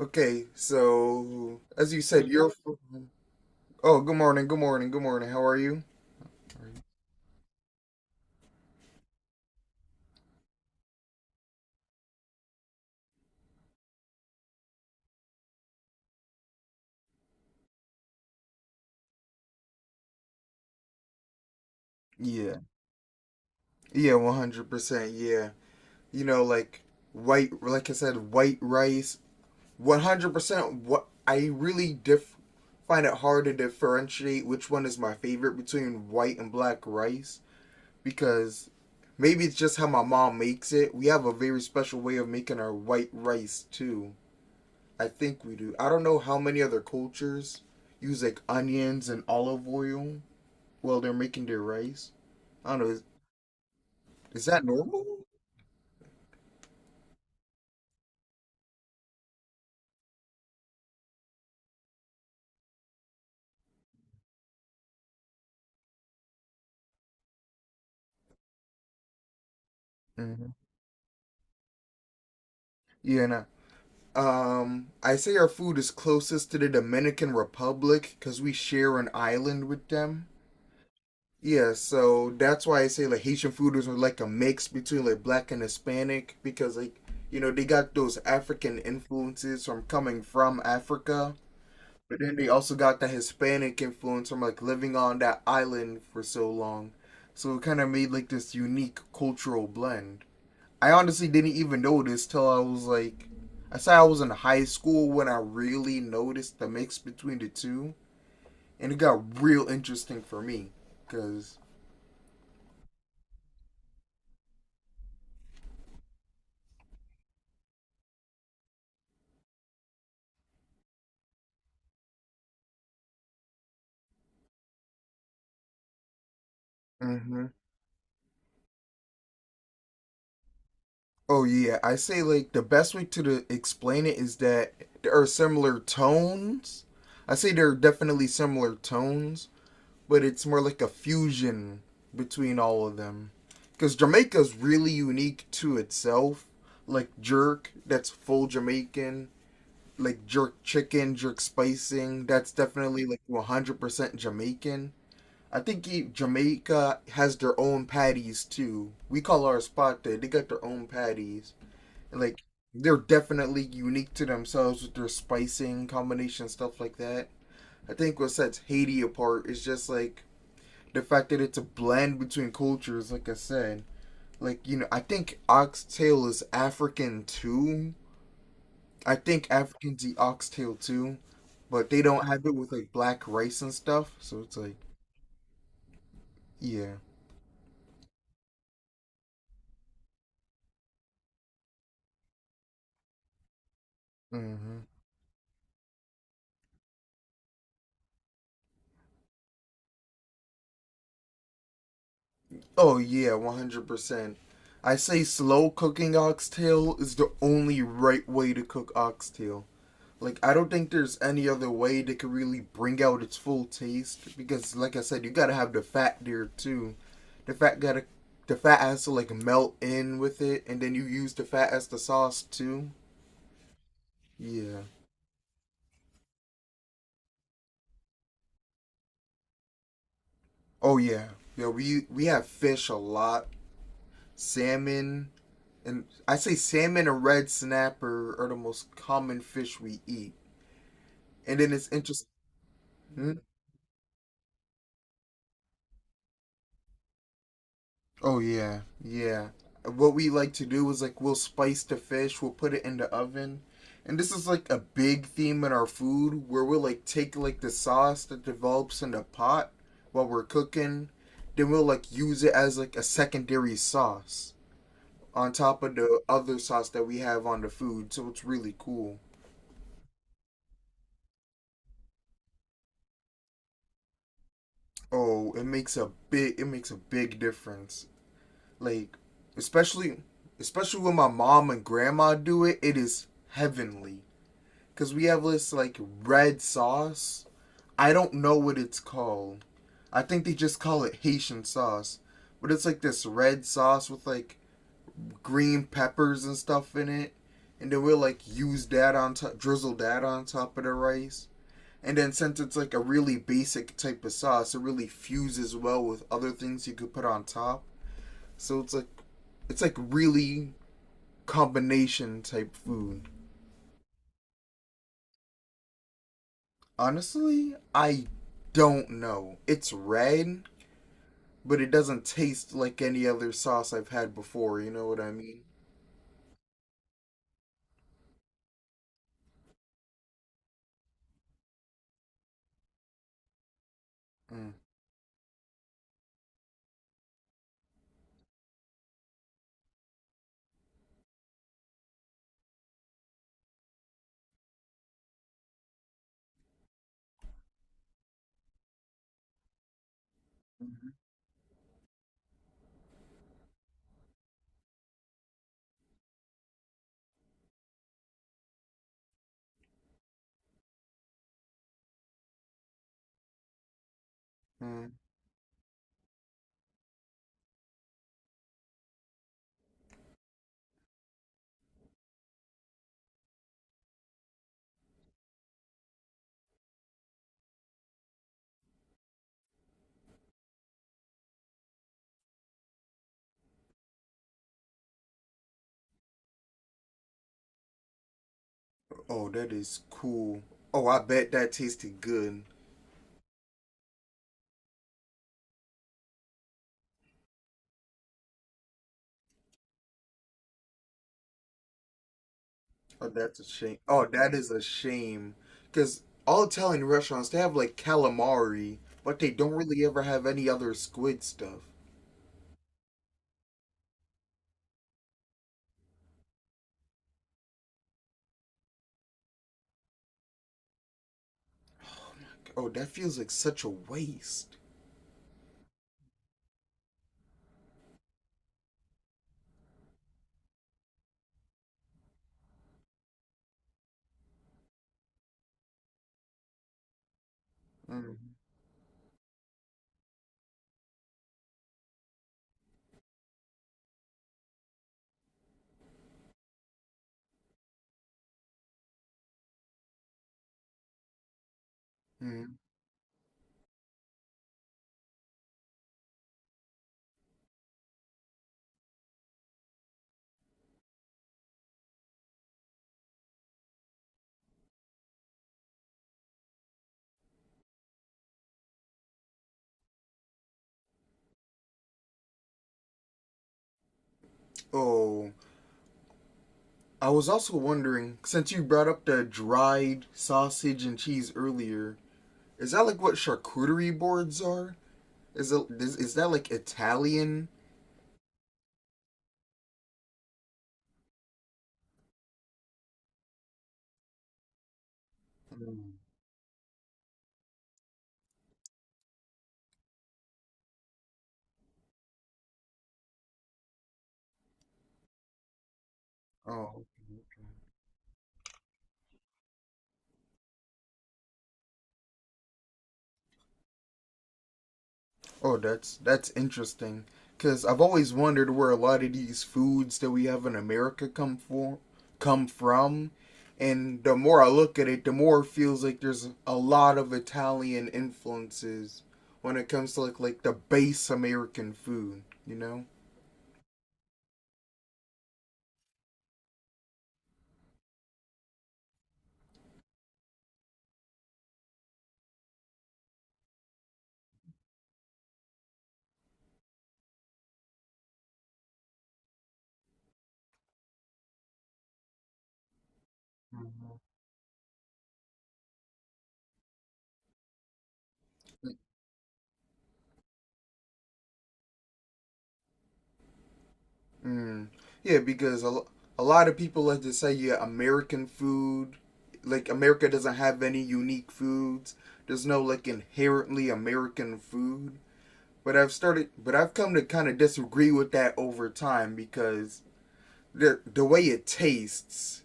Okay, so as you said, you're. Oh, good morning, good morning, good morning. How are you? Yeah, yeah, 100%. Yeah. Like white, like I said, white rice. 100%. What I really diff Find it hard to differentiate which one is my favorite between white and black rice, because maybe it's just how my mom makes it. We have a very special way of making our white rice too. I think we do. I don't know how many other cultures use like onions and olive oil while they're making their rice. I don't know. Is that normal? hmm Yeah, nah. I say our food is closest to the Dominican Republic because we share an island with them. Yeah, so that's why I say like Haitian food is like a mix between like black and Hispanic because like, you know, they got those African influences from coming from Africa, but then they also got the Hispanic influence from like living on that island for so long. So it kind of made like this unique cultural blend. I honestly didn't even notice till I say I was in high school when I really noticed the mix between the two, and it got real interesting for me because... Oh yeah, I say like the best way to explain it is that there are similar tones. I say there are definitely similar tones, but it's more like a fusion between all of them. Because Jamaica's really unique to itself. Like jerk, that's full Jamaican. Like jerk chicken, jerk spicing, that's definitely like 100% Jamaican. I think Jamaica has their own patties too. We call our spot there, they got their own patties. Like they're definitely unique to themselves with their spicing combination stuff like that. I think what sets Haiti apart is just like the fact that it's a blend between cultures. Like I said, like, you know, I think oxtail is African too. I think Africans eat oxtail too, but they don't have it with like black rice and stuff. So it's like yeah. Mm-hmm. Oh yeah, 100%. I say slow cooking oxtail is the only right way to cook oxtail. Like I don't think there's any other way that could really bring out its full taste because, like I said, you gotta have the fat there too. The fat gotta, the fat has to like melt in with it, and then you use the fat as the sauce too. Yeah. Oh yeah. Yeah. We have fish a lot, salmon, and I say salmon and red snapper are the most common fish we eat. And then it's interesting. Oh yeah, yeah. What we like to do is like we'll spice the fish, we'll put it in the oven, and this is like a big theme in our food where we'll like take like the sauce that develops in the pot while we're cooking, then we'll like use it as like a secondary sauce on top of the other sauce that we have on the food. So it's really cool. Oh, it makes a big difference. Like especially especially when my mom and grandma do it, it is heavenly. Because we have this, like, red sauce. I don't know what it's called. I think they just call it Haitian sauce. But it's like this red sauce with, like, green peppers and stuff in it. And then we'll, like, use that on top, drizzle that on top of the rice. And then since it's like a really basic type of sauce, it really fuses well with other things you could put on top. So it's like really combination type food. Honestly, I don't know. It's red, but it doesn't taste like any other sauce I've had before. You know what I mean? Mm. Mm. Oh, that is cool. Oh, I bet that tasted good. Oh, that's a shame. Oh, that is a shame. Because all Italian restaurants, they have like calamari, but they don't really ever have any other squid stuff. Oh, that feels like such a waste. Mm. Mm. Oh, I was also wondering, since you brought up the dried sausage and cheese earlier, is that like what charcuterie boards are? Is that like Italian? Mm. Oh, okay. Oh, that's interesting. Cause I've always wondered where a lot of these foods that we have in America come from, and the more I look at it, the more it feels like there's a lot of Italian influences when it comes to like the base American food. You know. Mhm. Mm. Yeah, because a lot of people like to say, yeah, American food, like America doesn't have any unique foods. There's no like inherently American food. But I've come to kind of disagree with that over time because the way it tastes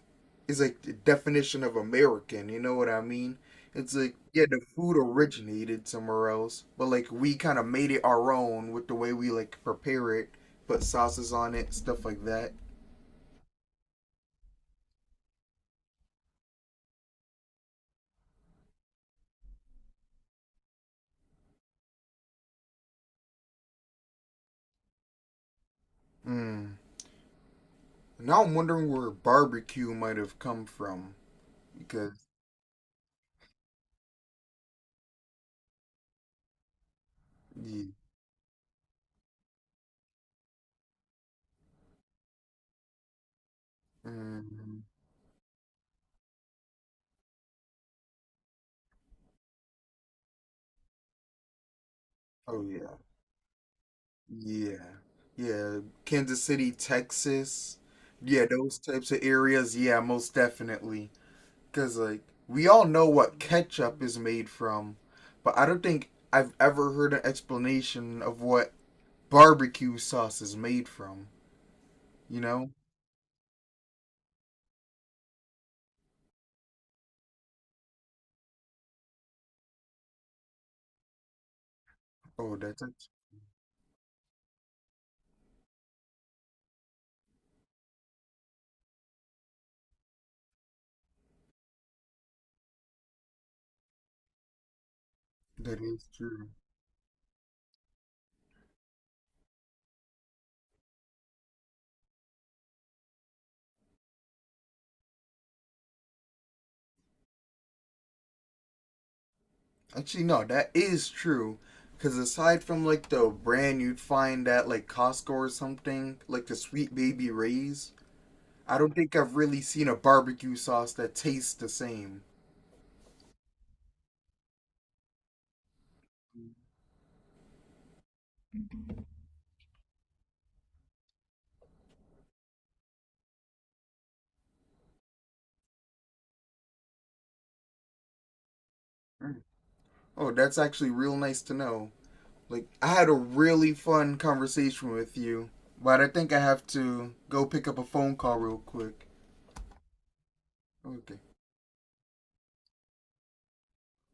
is like the definition of American. You know what I mean? It's like yeah, the food originated somewhere else, but like we kind of made it our own with the way we like prepare it, put sauces on it, stuff like that. Mm. Now I'm wondering where barbecue might have come from because yeah. Mm. Oh yeah, yeah, yeah. Kansas City, Texas. Yeah, those types of areas. Yeah, most definitely. Because, like, we all know what ketchup is made from, but I don't think I've ever heard an explanation of what barbecue sauce is made from. You know? Oh, that's act- that is true. Actually, no, that is true. Because aside from like the brand you'd find at like Costco or something, like the Sweet Baby Ray's, I don't think I've really seen a barbecue sauce that tastes the same. Mm. Oh, that's actually real nice to know. Like I had a really fun conversation with you, but I think I have to go pick up a phone call real quick. Okay.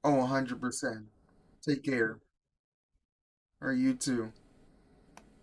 Oh, 100%. Take care. Or you too.